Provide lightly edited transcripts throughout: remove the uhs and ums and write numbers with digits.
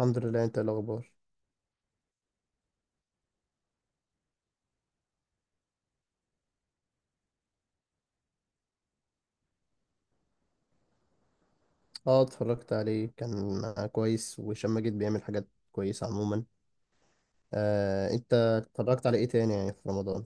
الحمد لله. انت ايه الاخبار؟ اه، اتفرجت عليه. كان كويس، وهشام ماجد بيعمل حاجات كويسه عموما. آه، انت اتفرجت على ايه تاني يعني في رمضان؟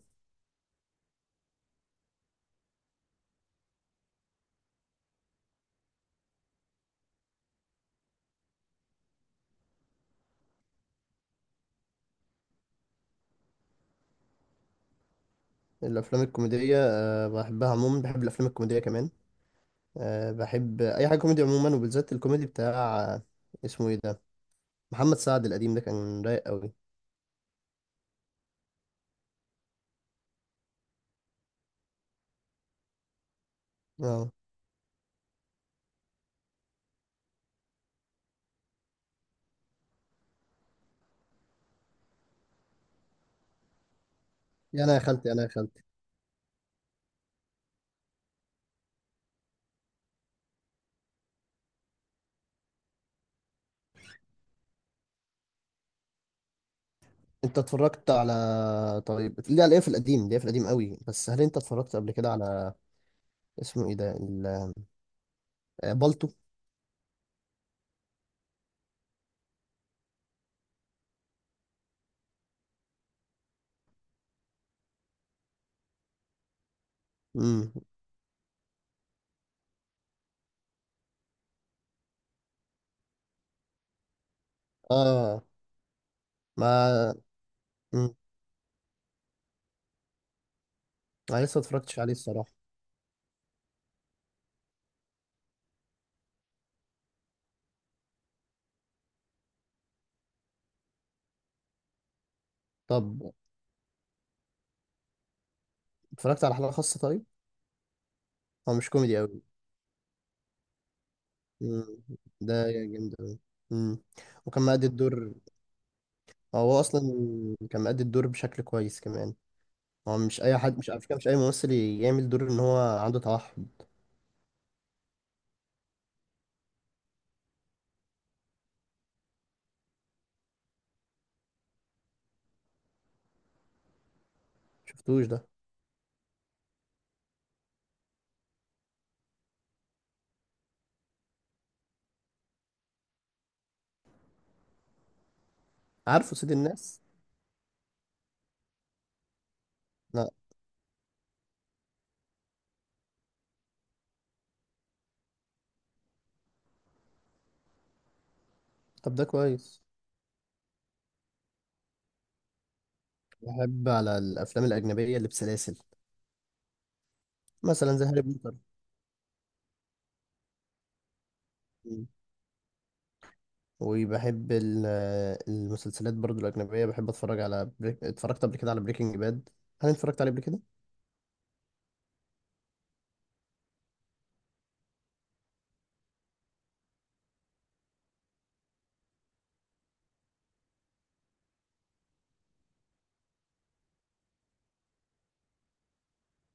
الافلام الكوميديه بحبها عموما. بحب الافلام الكوميديه كمان. بحب اي حاجه كوميدي عموما، وبالذات الكوميدي بتاع اسمه ايه ده؟ محمد سعد القديم ده كان رايق قوي. اه. يا انا يا خالتي، انا يا خالتي. انت اتفرجت على طيب ليه؟ على ايه في القديم؟ ليه في القديم قوي؟ بس هل انت اتفرجت قبل كده على اسمه ايه ده بالطو؟ امم. اه. ما مم. انا لسه اتفرجتش عليه الصراحه. طب اتفرجت على حلقه خاصه طيب؟ هو مش كوميدي قوي. مم. ده جامد قوي. مم. وكان مأدي الدور. هو اصلا كان مأدي الدور بشكل كويس كمان. هو مش اي حد، مش على فكره، مش اي ممثل يعمل دور ان هو عنده توحد. شفتوش ده؟ عارفه سيد الناس. لا. طب ده كويس. بحب على الافلام الاجنبيه اللي بسلاسل، مثلا زي هاري بوتر. وبحب المسلسلات برضو الأجنبية. بحب أتفرج على اتفرجت قبل كده على بريكنج باد. هل أنت اتفرجت عليه قبل كده؟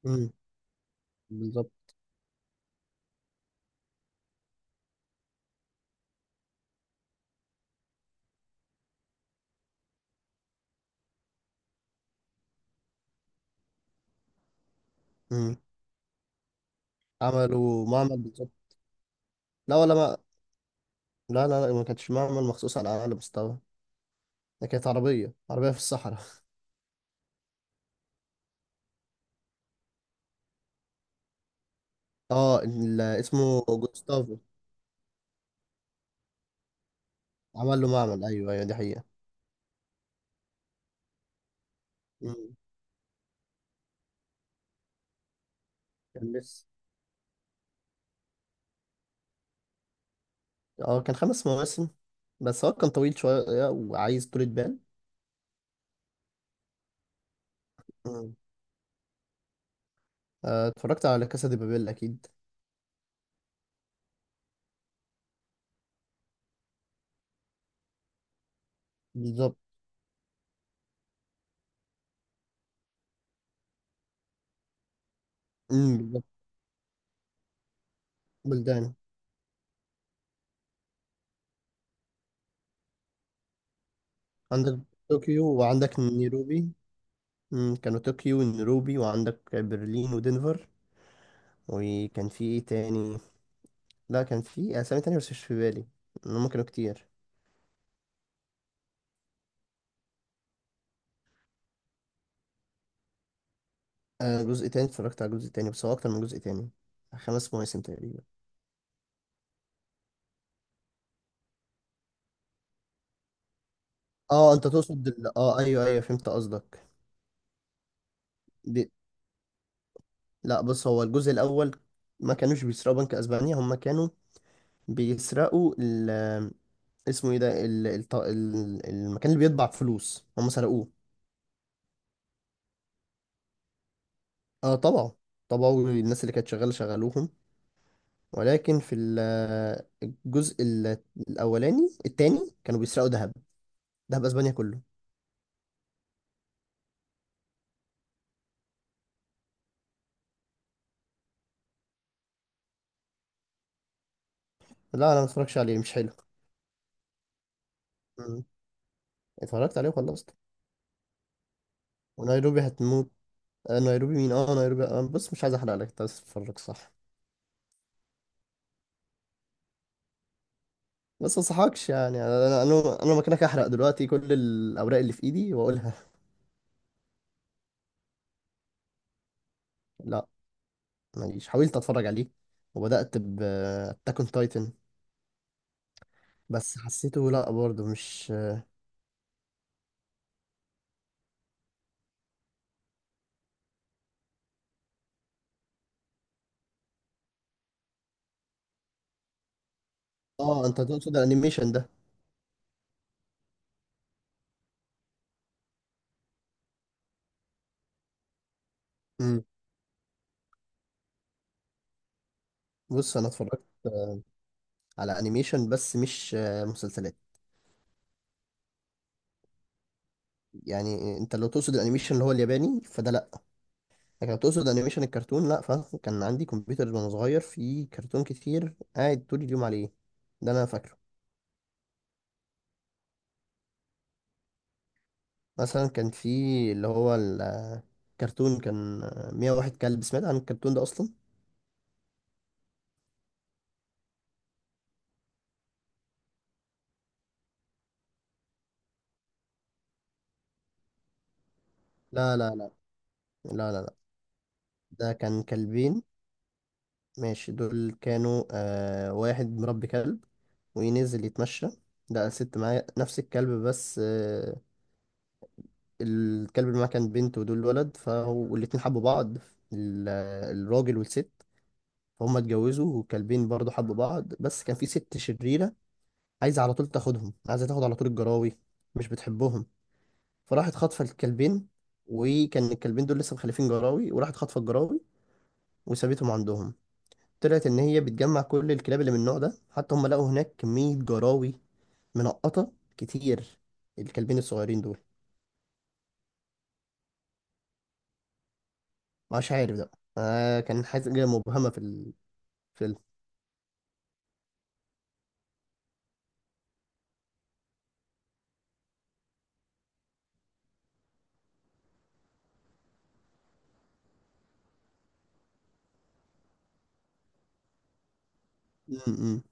امم. بالظبط. امم. عملوا معمل بالظبط. لا، ولا ما، لا، لا، لا، ما كانتش معمل مخصوص على أعلى مستوى. ده كانت عربية عربية في الصحراء. اه، اسمه جوستافو. عمل له معمل. أيوه، أيوه، دي حقيقة. امم. كان لسه. اه. كان خمس مواسم، بس هو كان طويل شوية وعايز طولة بال. امم. اتفرجت على كاسا دي بابيل أكيد. بالظبط. امم. بالظبط. بلدان. عندك طوكيو وعندك نيروبي. مم، كانوا طوكيو ونيروبي وعندك برلين ودنفر. وكان في ايه تاني؟ لا، كان في اسامي تانية بس مش في بالي. إن هما كانوا كتير. آه، جزء تاني. اتفرجت على جزء تاني، بس هو اكتر من جزء تاني. خمس مواسم تقريبا. اه، انت تقصد اه، ايوه، ايوه، فهمت قصدك. بي... لا، بص هو الجزء الاول. ما كانوش بيسرقوا بنك اسبانيا، هما كانوا بيسرقوا اسمه ايه ده المكان اللي بيطبع فلوس هما سرقوه. اه طبعا، طبعا الناس اللي كانت شغاله شغلوهم. ولكن في الجزء الاولاني التاني كانوا بيسرقوا ذهب. ذهب اسبانيا كله. لا، انا ما اتفرجش عليه، مش حلو. مم. اتفرجت عليه وخلصت. ونيروبي هتموت. آه، نيروبي مين؟ اه، نيروبي. آه، بص مش عايز احرق لك انت، بس اتفرج صح. بس ما انصحكش، يعني انا مكانك احرق دلوقتي كل الاوراق اللي في ايدي واقولها. لا، ماليش. حاولت اتفرج عليه، وبدات ب اون تايتن، بس حسيته لا برضه مش. اه، انت تقصد الانيميشن ده؟ مم. بص انا اتفرجت على انيميشن، بس مش مسلسلات. يعني انت لو تقصد الانيميشن اللي هو الياباني فده لا، لكن لو تقصد انيميشن الكرتون لا، فكان عندي كمبيوتر وانا صغير فيه كرتون كتير، قاعد طول اليوم عليه. ده انا فاكره. مثلا كان في، اللي هو الكرتون، كان 101 كلب. سمعت عن الكرتون ده اصلا؟ لا، لا، لا، لا، لا، لا. ده كان كلبين. ماشي، دول كانوا واحد مربي كلب وينزل يتمشى، لقى ست معاه نفس الكلب، بس الكلب اللي معاه كان بنت ودول ولد، فهو والاتنين حبوا بعض، الراجل والست. فهم اتجوزوا، والكلبين برضه حبوا بعض، بس كان في ست شريرة عايزة على طول تاخدهم، عايزة تاخد على طول الجراوي، مش بتحبهم. فراحت خاطفة الكلبين، وكان الكلبين دول لسه مخلفين جراوي، وراحت خاطفة الجراوي وسابتهم عندهم. طلعت ان هي بتجمع كل الكلاب اللي من النوع ده، حتى هم لقوا هناك كمية جراوي منقطة كتير، الكلبين الصغيرين دول. مش عارف ده، كان حاجة مبهمة في الفيلم. م- م.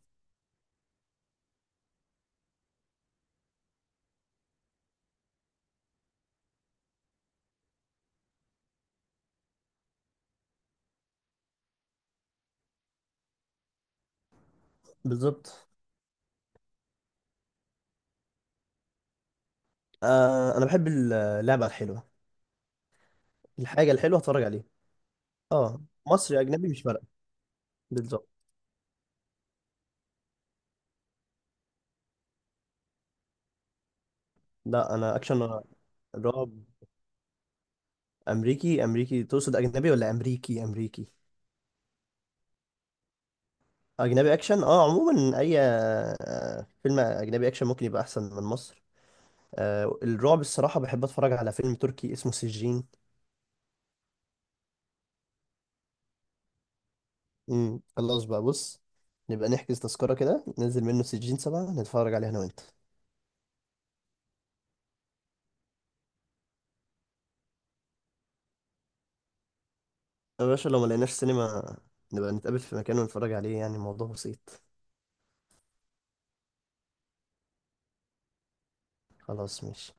بالظبط. انا بحب اللعبة الحلوة، الحاجة الحلوة اتفرج عليها. اه، مصري اجنبي مش فارقة. بالظبط. لا، انا اكشن، رعب. امريكي امريكي تقصد، اجنبي ولا امريكي امريكي؟ اجنبي اكشن. اه عموما اي فيلم اجنبي اكشن ممكن يبقى احسن من مصر. الرعب الصراحة بحب اتفرج على فيلم تركي اسمه سجين. خلاص بقى، بص، نبقى نحجز تذكرة، كده ننزل منه سجين 7 نتفرج عليه انا وانت. يا باشا، لو ما لقيناش سينما، نبقى نتقابل في مكان ونتفرج عليه، يعني الموضوع بسيط. خلاص ماشي.